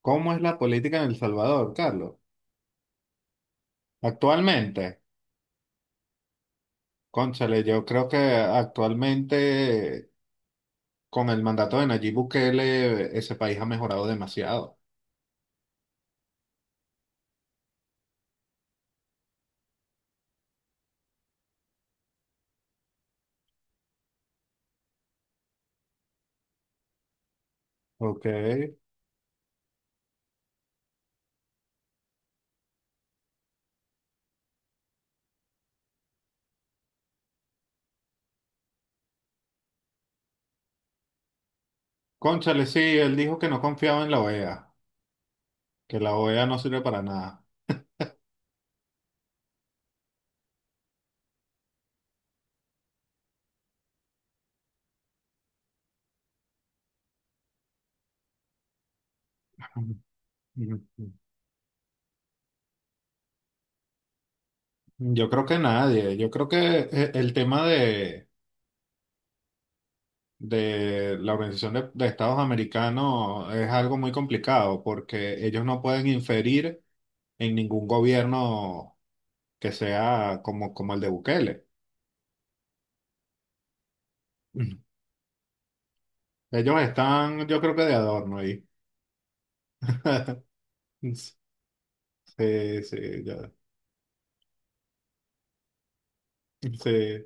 ¿Cómo es la política en El Salvador, Carlos? Actualmente, cónchale, yo creo que actualmente con el mandato de Nayib Bukele ese país ha mejorado demasiado. Ok. Cónchale, sí, él dijo que no confiaba en la OEA, que la OEA no sirve para nada. Yo creo que nadie, yo creo que el tema de la Organización de Estados Americanos es algo muy complicado porque ellos no pueden inferir en ningún gobierno que sea como, como el de Bukele. Mm. Ellos están, yo creo que de adorno ahí. Sí, sí, ya. Sí.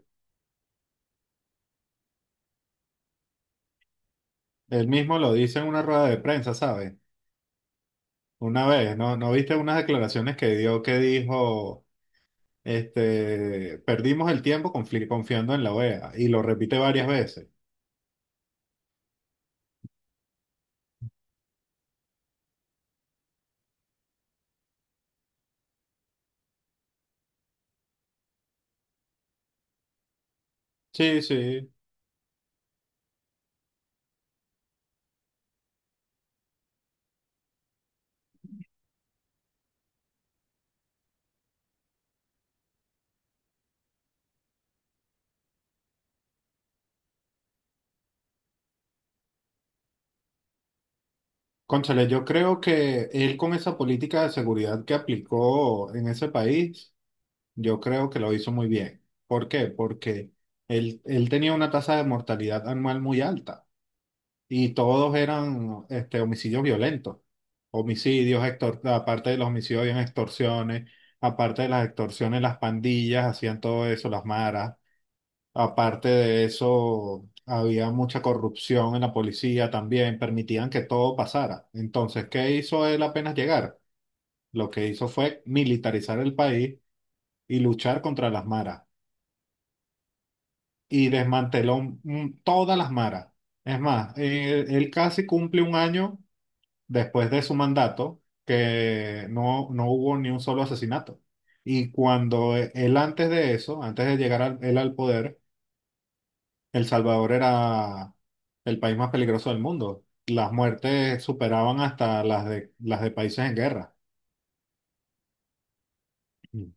Él mismo lo dice en una rueda de prensa, ¿sabes? Una vez, ¿no? ¿No viste unas declaraciones que dio que dijo, perdimos el tiempo confiando en la OEA? Y lo repite varias veces. Sí, sí. Cónchale, yo creo que él con esa política de seguridad que aplicó en ese país, yo creo que lo hizo muy bien. ¿Por qué? Porque él tenía una tasa de mortalidad anual muy alta y todos eran homicidios violentos. Homicidios, aparte de los homicidios, habían extorsiones, aparte de las extorsiones, las pandillas hacían todo eso, las maras. Aparte de eso, había mucha corrupción en la policía también, permitían que todo pasara. Entonces, ¿qué hizo él apenas llegar? Lo que hizo fue militarizar el país y luchar contra las maras. Y desmanteló todas las maras. Es más, él casi cumple un año después de su mandato que no hubo ni un solo asesinato. Y cuando él antes de eso, antes de llegar al- él al poder, El Salvador era el país más peligroso del mundo. Las muertes superaban hasta las de países en guerra. Mm.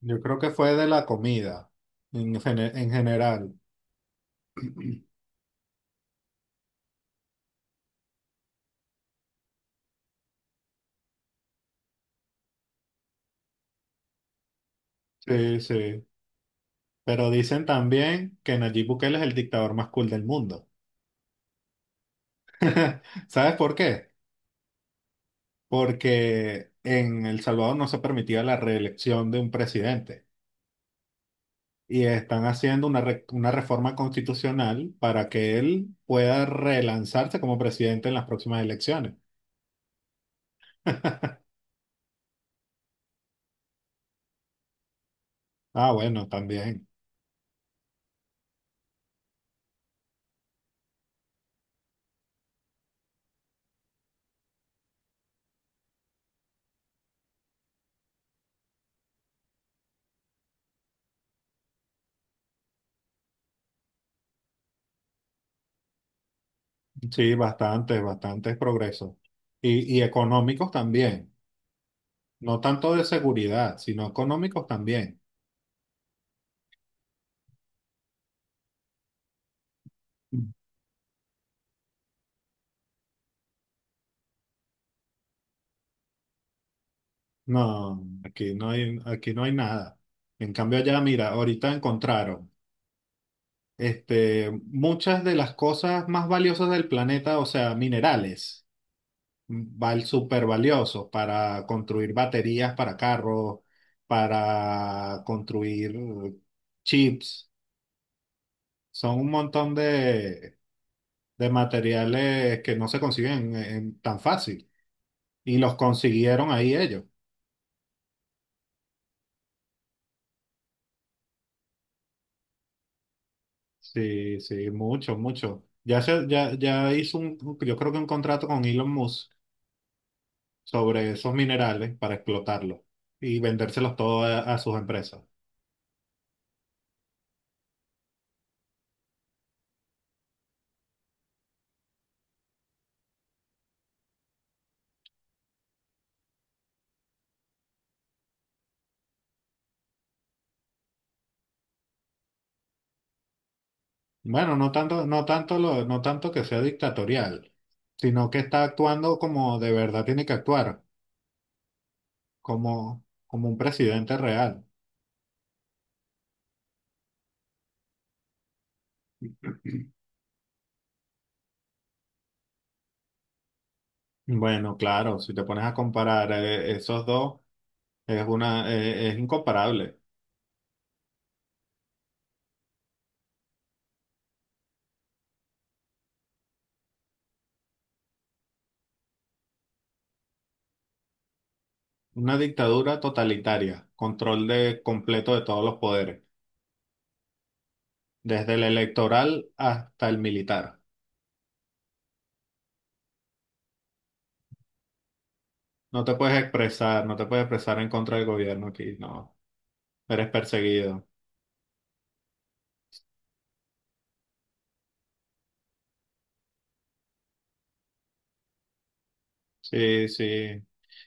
Yo creo que fue de la comida en, en general. Sí, sí. Pero dicen también que Nayib Bukele es el dictador más cool del mundo. ¿Sabes por qué? Porque en El Salvador no se permitía la reelección de un presidente. Y están haciendo una, una reforma constitucional para que él pueda relanzarse como presidente en las próximas elecciones. Ah, bueno, también. Sí, bastantes, bastantes progresos. Y económicos también. No tanto de seguridad, sino económicos también. No, aquí no hay nada. En cambio, allá, mira, ahorita encontraron muchas de las cosas más valiosas del planeta, o sea, minerales. Val Súper valiosos para construir baterías para carros, para construir chips. Son un montón de materiales que no se consiguen tan fácil. Y los consiguieron ahí ellos. Sí, sí, mucho, mucho. Ya hizo un, yo creo que un contrato con Elon Musk sobre esos minerales para explotarlos y vendérselos todos a sus empresas. Bueno, no tanto no tanto que sea dictatorial, sino que está actuando como de verdad tiene que actuar, como, como un presidente real. Bueno, claro, si te pones a comparar esos dos, es una, es incomparable. Una dictadura totalitaria, control de completo de todos los poderes, desde el electoral hasta el militar. No te puedes expresar en contra del gobierno aquí, no. Eres perseguido. Sí, sí.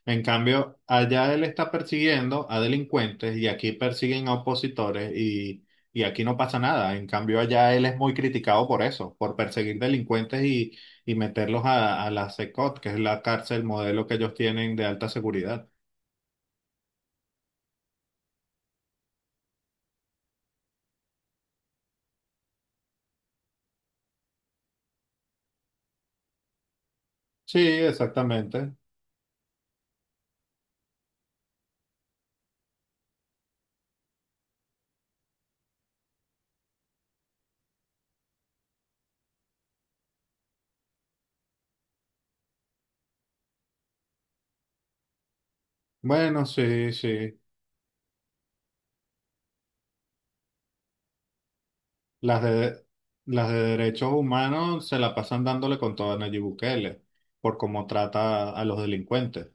En cambio, allá él está persiguiendo a delincuentes y aquí persiguen a opositores y aquí no pasa nada. En cambio, allá él es muy criticado por eso, por perseguir delincuentes y meterlos a la CECOT, que es la cárcel modelo que ellos tienen de alta seguridad. Sí, exactamente. Bueno, sí, sí. Las de, las de derechos humanos se la pasan dándole con todo a Nayib Bukele por cómo trata a los delincuentes.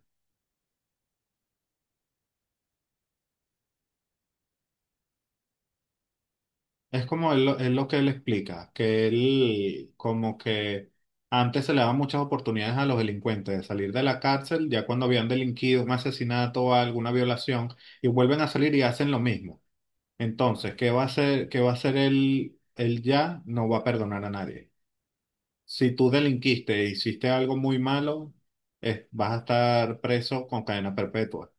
Es como él, es lo que él explica, que él como que antes se le daban muchas oportunidades a los delincuentes de salir de la cárcel, ya cuando habían delinquido un asesinato o alguna violación, y vuelven a salir y hacen lo mismo. Entonces, ¿qué va a hacer él, él ya? No va a perdonar a nadie. Si tú delinquiste e hiciste algo muy malo, vas a estar preso con cadena perpetua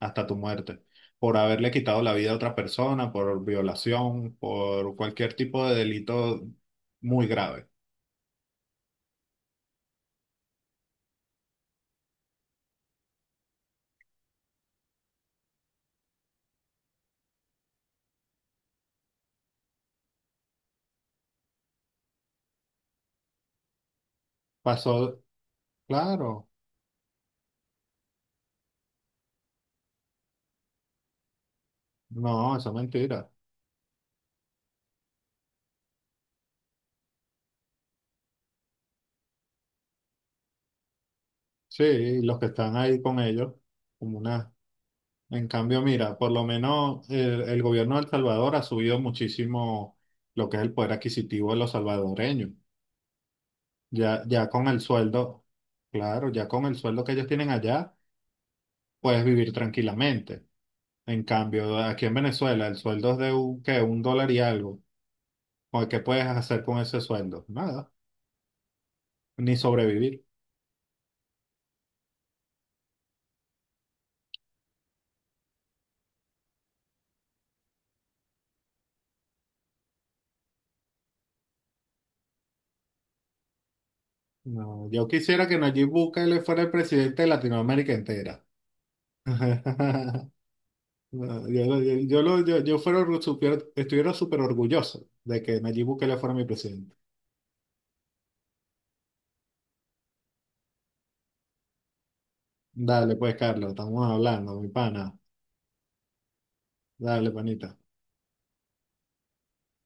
hasta tu muerte, por haberle quitado la vida a otra persona, por violación, por cualquier tipo de delito muy grave. Pasó, claro, no, eso es mentira. Sí, los que están ahí con ellos, como una... En cambio, mira, por lo menos el gobierno de El Salvador ha subido muchísimo lo que es el poder adquisitivo de los salvadoreños. Ya, ya con el sueldo, claro, ya con el sueldo que ellos tienen allá puedes vivir tranquilamente. En cambio, aquí en Venezuela el sueldo es de un, ¿qué? Un dólar y algo. ¿O ¿Qué puedes hacer con ese sueldo? Nada, ni sobrevivir. No, yo quisiera que Nayib Bukele fuera el presidente de Latinoamérica entera. No, yo, lo- yo, lo- yo- Yo fuera, estuviera súper orgulloso de que Nayib Bukele fuera mi presidente. Dale, pues, Carlos, estamos hablando, mi pana. Dale, panita.